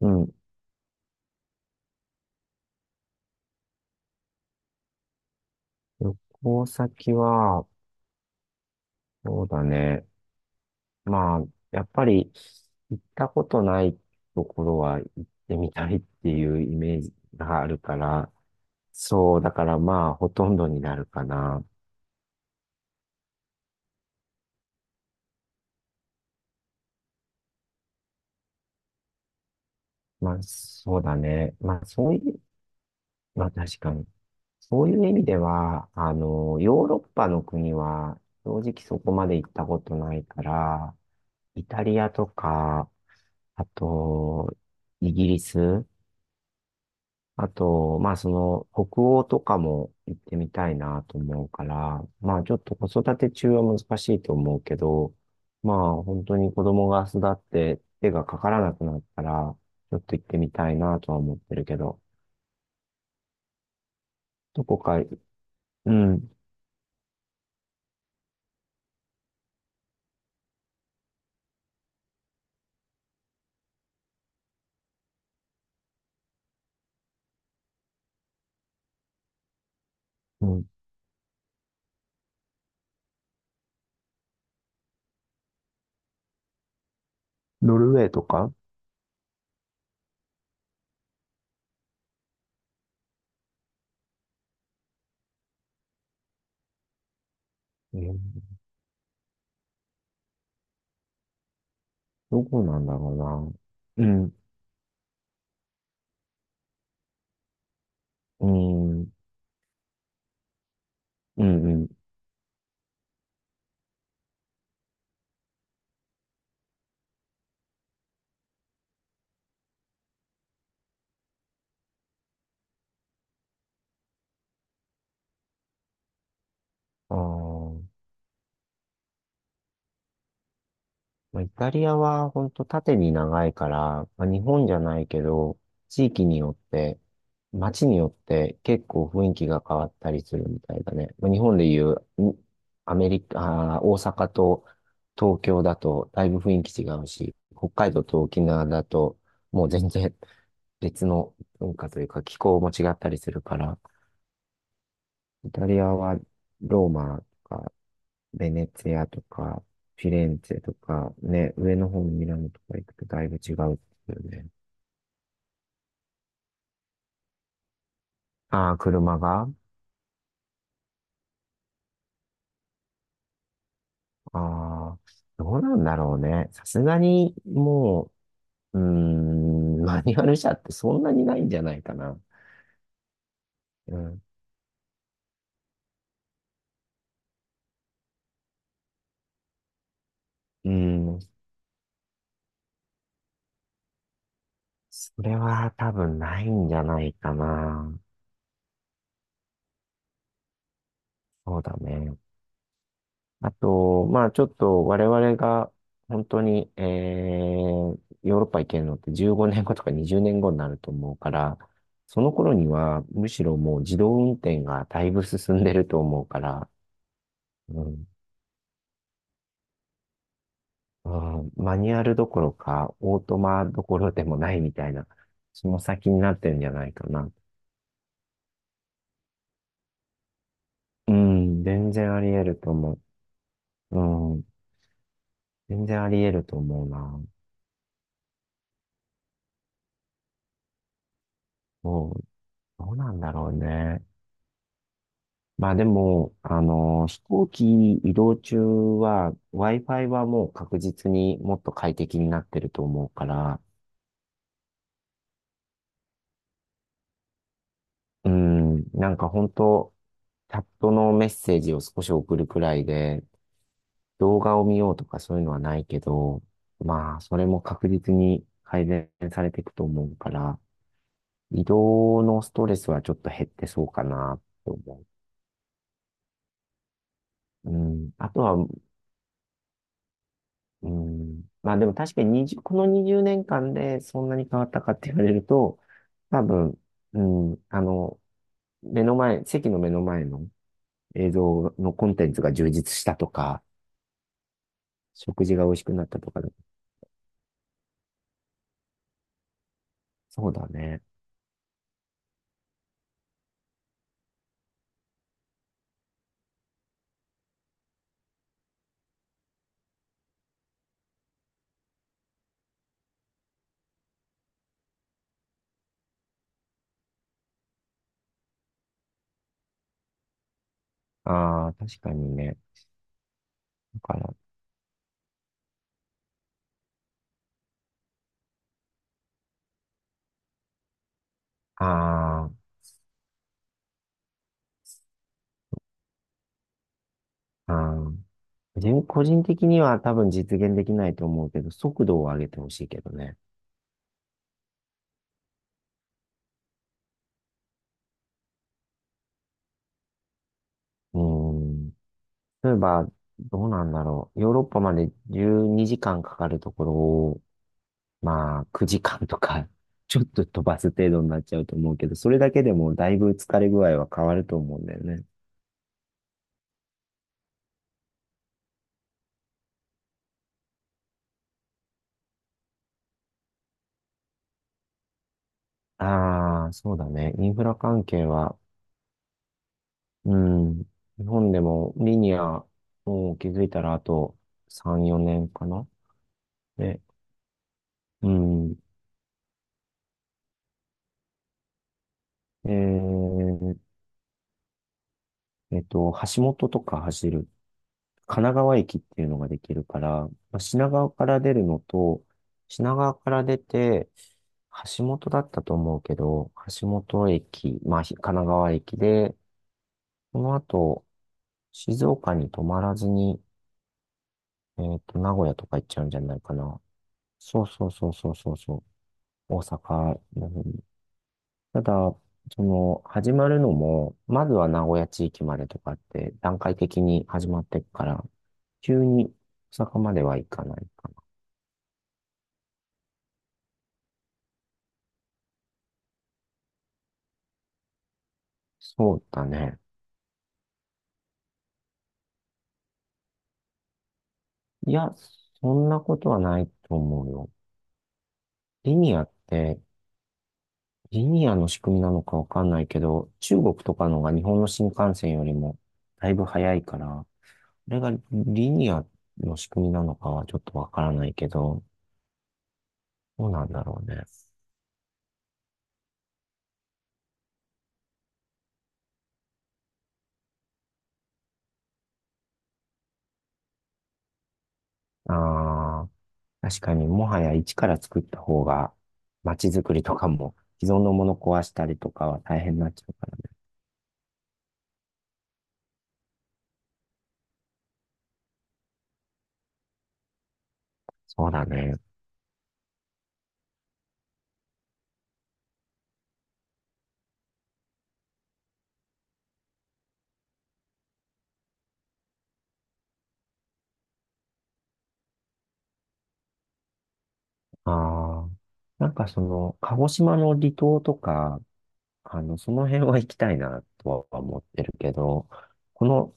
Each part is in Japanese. うん。旅行先は、そうだね。まあ、やっぱり、行ったことないところは行ってみたいっていうイメージがあるから、そう、だからまあ、ほとんどになるかな。まあ、そうだね。まあ、そういう、まあ、確かに。そういう意味では、ヨーロッパの国は、正直そこまで行ったことないから、イタリアとか、あと、イギリス、あと、まあその、北欧とかも行ってみたいなと思うから、まあちょっと子育て中は難しいと思うけど、まあ本当に子供が育って手がかからなくなったら、ちょっと行ってみたいなとは思ってるけど、どこか、うん、うん、ノルウェーとか、うん、どこなんだろうな。うん、うん、うん、うん。あーまあ、イタリアは本当縦に長いから、まあ、日本じゃないけど、地域によって、街によって結構雰囲気が変わったりするみたいだね。まあ、日本でいう、アメリカ、大阪と東京だとだいぶ雰囲気違うし、北海道と沖縄だともう全然 別の文化というか気候も違ったりするから、イタリアはローマとかベネツィアとか、フィレンツェとか、ね、上の方のミラノとか行くとだいぶ違うっていうね。ああ、車があどうなんだろうね。さすがに、もう、うーん、マニュアル車ってそんなにないんじゃないかな。うん。うん。それは多分ないんじゃないかな。そうだね。あと、まあちょっと我々が本当に、ヨーロッパ行けるのって15年後とか20年後になると思うから、その頃にはむしろもう自動運転がだいぶ進んでると思うから、うん、うん、マニュアルどころかオートマどころでもないみたいな、その先になってるんじゃないかな。うん、全然あり得ると思う。うん、全然あり得ると思うな。もう、どうなんだろうね。まあでも、飛行機移動中は Wi-Fi はもう確実にもっと快適になってると思うから、うん、なんか本当チャットのメッセージを少し送るくらいで、動画を見ようとかそういうのはないけど、まあそれも確実に改善されていくと思うから、移動のストレスはちょっと減ってそうかなって思う。うん、あとはうん。まあでも確かに20、この20年間でそんなに変わったかって言われると、多分、うん、目の前、席の目の前の映像のコンテンツが充実したとか、食事が美味しくなったとかだ、そうだね。ああ、確かにね。だから、ああ、ああ、個人的には多分実現できないと思うけど、速度を上げてほしいけどね。うーん。例えば、どうなんだろう。ヨーロッパまで12時間かんかかるところまあ、9時間とか、ちょっと飛ばす程度になっちゃうと思うけど、それだけでもだいぶ疲れ具合は変わると思うんだよね。ああ、そうだね。インフラ関係は、うん、日本でもリニア、もう気づいたらあと3、4年かな。ね、うん。えー橋本とか走る神奈川駅っていうのができるから、まあ、品川から出るのと、品川から出て、橋本だったと思うけど、橋本駅、まあ、神奈川駅で、その後、静岡に泊まらずに、名古屋とか行っちゃうんじゃないかな。そうそうそうそうそうそう、大阪なのに。ただ、始まるのも、まずは名古屋地域までとかって、段階的に始まっていくから、急に大阪までは行かないか。そうだね。いや、そんなことはないと思うよ。リニアって、リニアの仕組みなのかわかんないけど、中国とかのが日本の新幹線よりもだいぶ早いから、これがリニアの仕組みなのかはちょっとわからないけど、どうなんだろうね。ああ、確かにもはや一から作った方が、街づくりとかも既存のもの壊したりとかは大変になっちゃうからね。そうだね。ああ、なんか鹿児島の離島とか、その辺は行きたいなとは思ってるけど、この、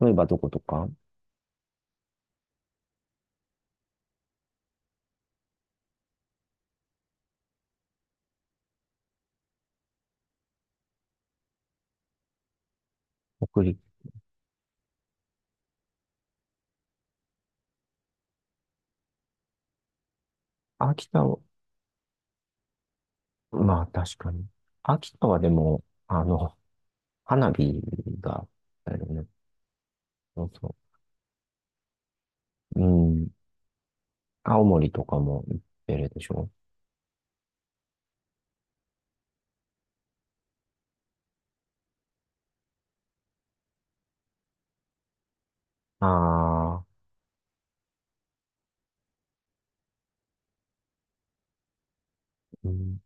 例えばどことか、北陸、秋田を、まあ確かに。秋田はでも、花火が、あれだよね、そうそう。うん、青森とかも行ってるでしょ。ああ、うん、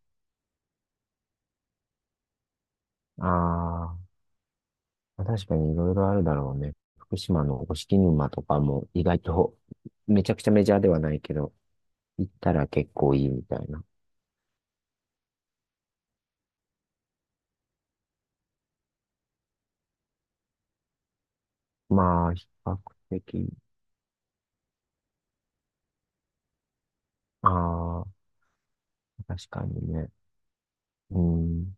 ああ、確かにいろいろあるだろうね。福島の五色沼とかも意外とめちゃくちゃメジャーではないけど、行ったら結構いいみたいな。まあ、比較的、ああ、確かにね。うん、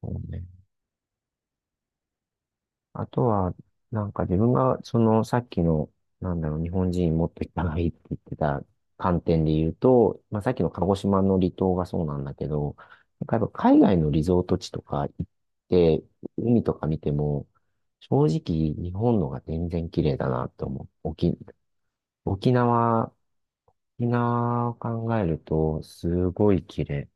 そうね。あとは、なんか自分が、さっきの、なんだろう、日本人もっといっぱいって言ってた観点で言うと、まあさっきの鹿児島の離島がそうなんだけど、なんかやっぱ海外のリゾート地とか行って、海とか見ても、正直日本のが全然綺麗だなと思う。沖縄沖縄を考えると、すごい綺麗。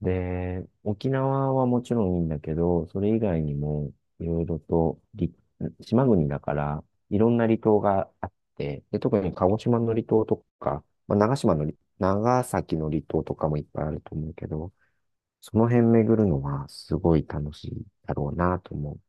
で、沖縄はもちろんいいんだけど、それ以外にも、いろいろとり、島国だから、いろんな離島があって、で、特に鹿児島の離島とか、まあ、長崎の離島とかもいっぱいあると思うけど、その辺巡るのはすごい楽しいだろうなと思う。